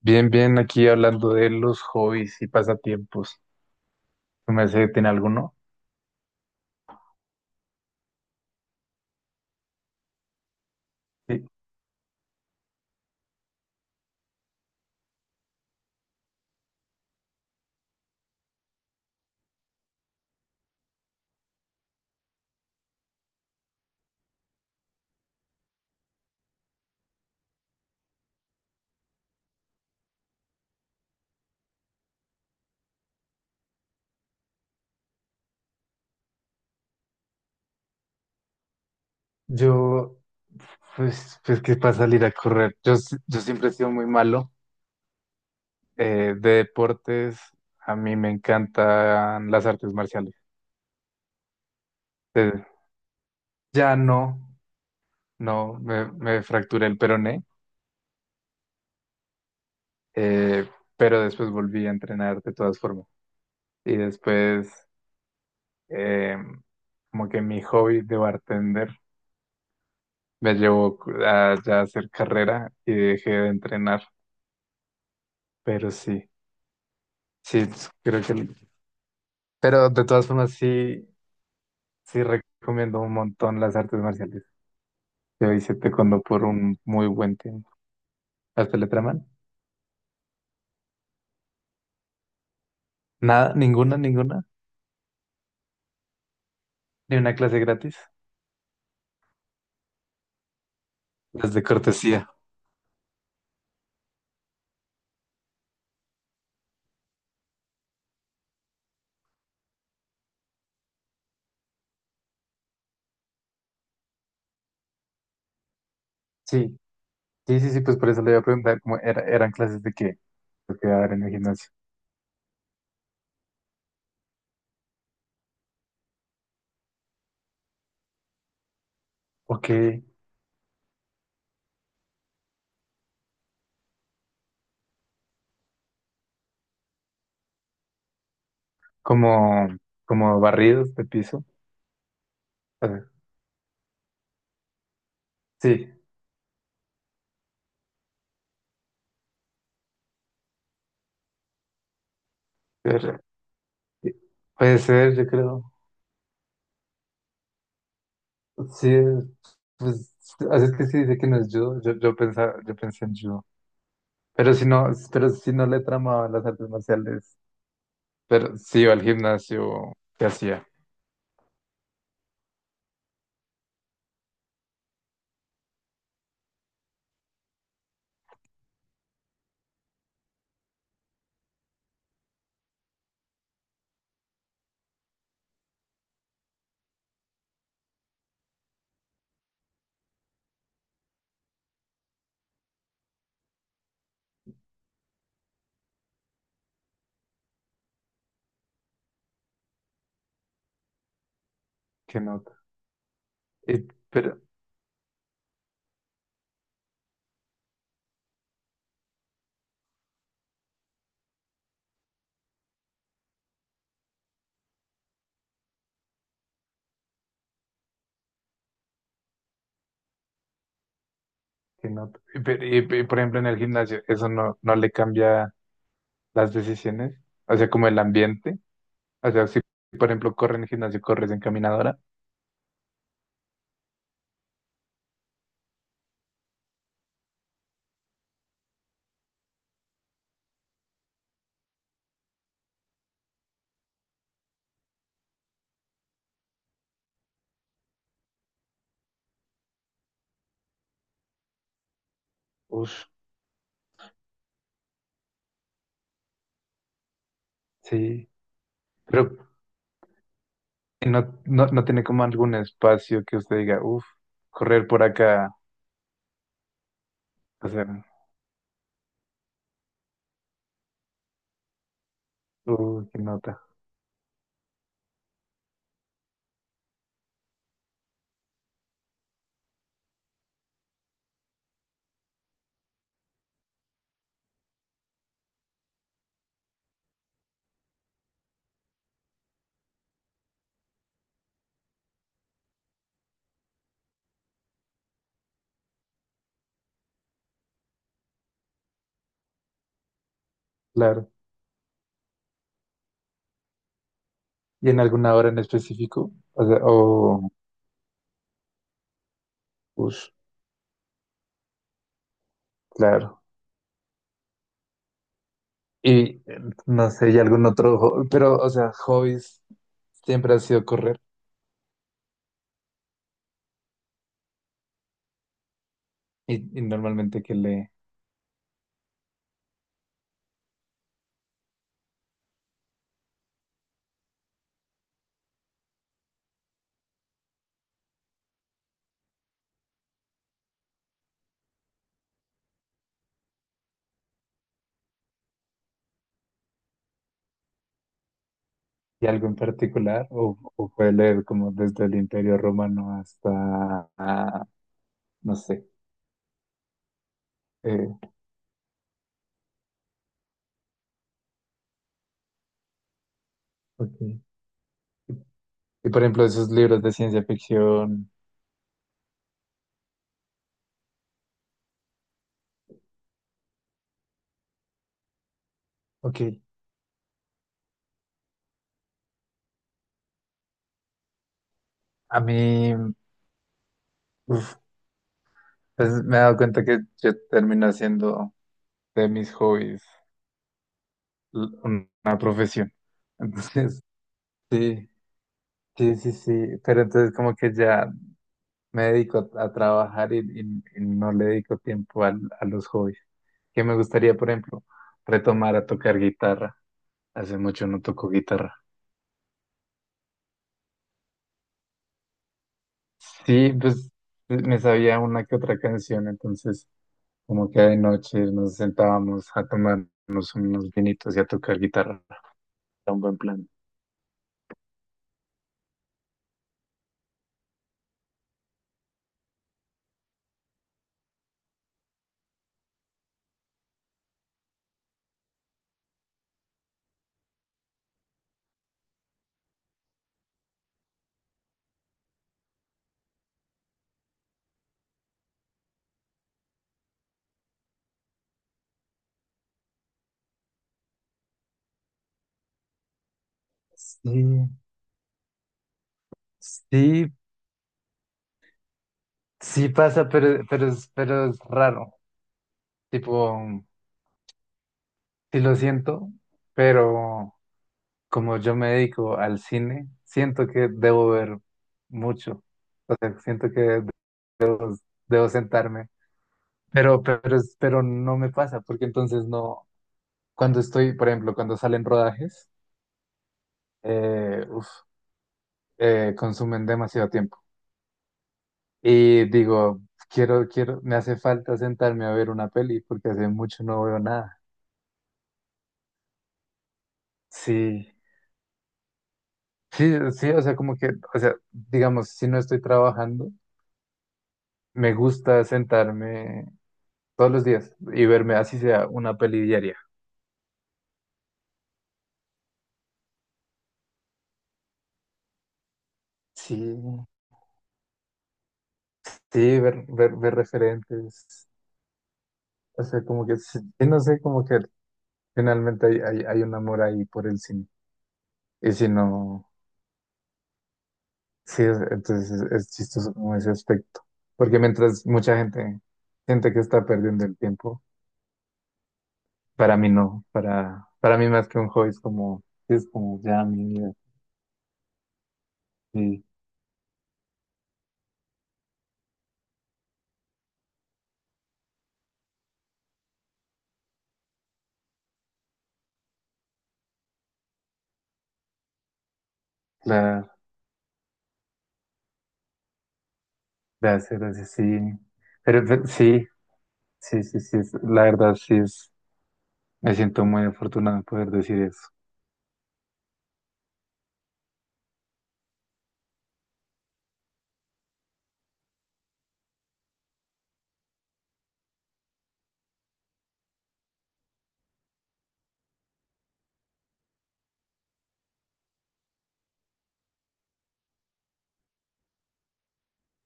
Bien, bien, aquí hablando de los hobbies y pasatiempos. ¿Tú me hace tiene alguno? Sí. Yo, pues, que para salir a correr. Yo, yo siempre he sido muy malo, de deportes, a mí me encantan las artes marciales. Eh, ya no, no, me fracturé el peroné, eh, pero después volví a entrenar de todas formas. Y después, eh, como que mi hobby de bartender me llevó a ya hacer carrera y dejé de entrenar, pero sí, sí, pues, pero de todas formas sí, sí recomiendo un montón las artes marciales. Yo hice taekwondo por un muy buen tiempo. ¿Hasta le traman? Nada, ninguna, ninguna, ni una clase gratis, las de cortesía. Sí, sí, sí, sí, pues por eso le iba a preguntar cómo eran clases de qué, lo que iba a dar en el gimnasio. Ok, como, como barridos de piso. A ver, sí, pero- sí, puede ser, yo creo. Sí, pues, así es que sí dice que no es judo, yo, pensaba, yo pensé en judo. Pero si no le tramaba las artes marciales, pero sí iba al gimnasio, ¿qué hacía? ¿Qué nota? Y, pero, ¿qué nota? Y, por ejemplo, en el gimnasio, ¿eso no, no le cambia las decisiones? O sea, como el ambiente. O sea, si por ejemplo corre en el gimnasio, corres en caminadora. Uf, sí. Pero no, no, no tiene como algún espacio que usted diga, uf, correr por acá, hacer uy, qué nota, claro. ¿Y en alguna hora en específico? O sea, o, ush, claro. Y no sé, y algún otro, pero, o sea, hobbies siempre ha sido correr. Y normalmente que lee, y algo en particular, o puede leer como desde el Imperio Romano hasta, ah, no sé. eh, ok. Y por ejemplo, esos libros de ciencia ficción. Ok. A mí, uf, pues me he dado cuenta que yo termino haciendo de mis hobbies una profesión. Entonces, sí, sí, sí, sí, pero entonces como que ya me dedico a trabajar y, y no le dedico tiempo a los hobbies. Que me gustaría, por ejemplo, retomar a tocar guitarra. Hace mucho no toco guitarra. Sí, pues me sabía una que otra canción, entonces como que de noche nos sentábamos a tomarnos unos vinitos y a tocar guitarra. Era un buen plan. Sí, sí, sí pasa, pero, pero es raro. Tipo, sí lo siento, pero como yo me dedico al cine, siento que debo ver mucho. O sea, siento que debo sentarme. Pero, pero no me pasa, porque entonces no. Cuando estoy, por ejemplo, cuando salen rodajes, uf, consumen demasiado tiempo. Y digo, quiero, quiero, me hace falta sentarme a ver una peli, porque hace mucho no veo nada. Sí, sí, sí, o sea, como que, o sea, digamos, si no estoy trabajando. Me gusta sentarme todos los días y verme así sea una peli diaria. Sí, sí, ver, ver, ver referentes. O sea, como que, sí, sí, no sé, como que finalmente hay, hay, hay un amor ahí por el cine. Y si no, sí, entonces es chistoso como ese aspecto. Porque mientras mucha gente siente que está perdiendo el tiempo, para mí no. Para mí más que un hobby es como ya mi vida. Y la, de hacer así, sí. Pero sí. Sí, sí, sí, la verdad sí es, me siento muy afortunado de poder decir eso.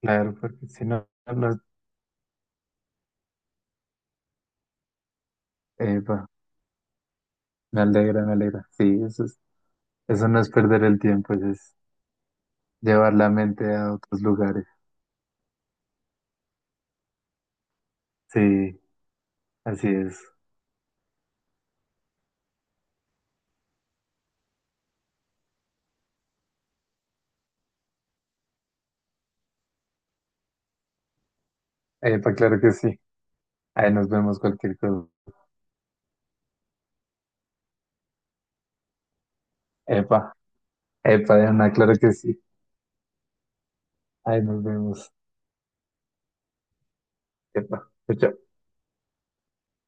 Claro, porque si no, no, epa, me alegra, me alegra. Sí, eso es, eso no es perder el tiempo, eso es llevar la mente a otros lugares. Sí, así es. Epa, claro que sí. Ahí nos vemos cualquier cosa. Epa, epa, Diana, claro que sí. Ahí nos vemos. Epa, chao. Chao.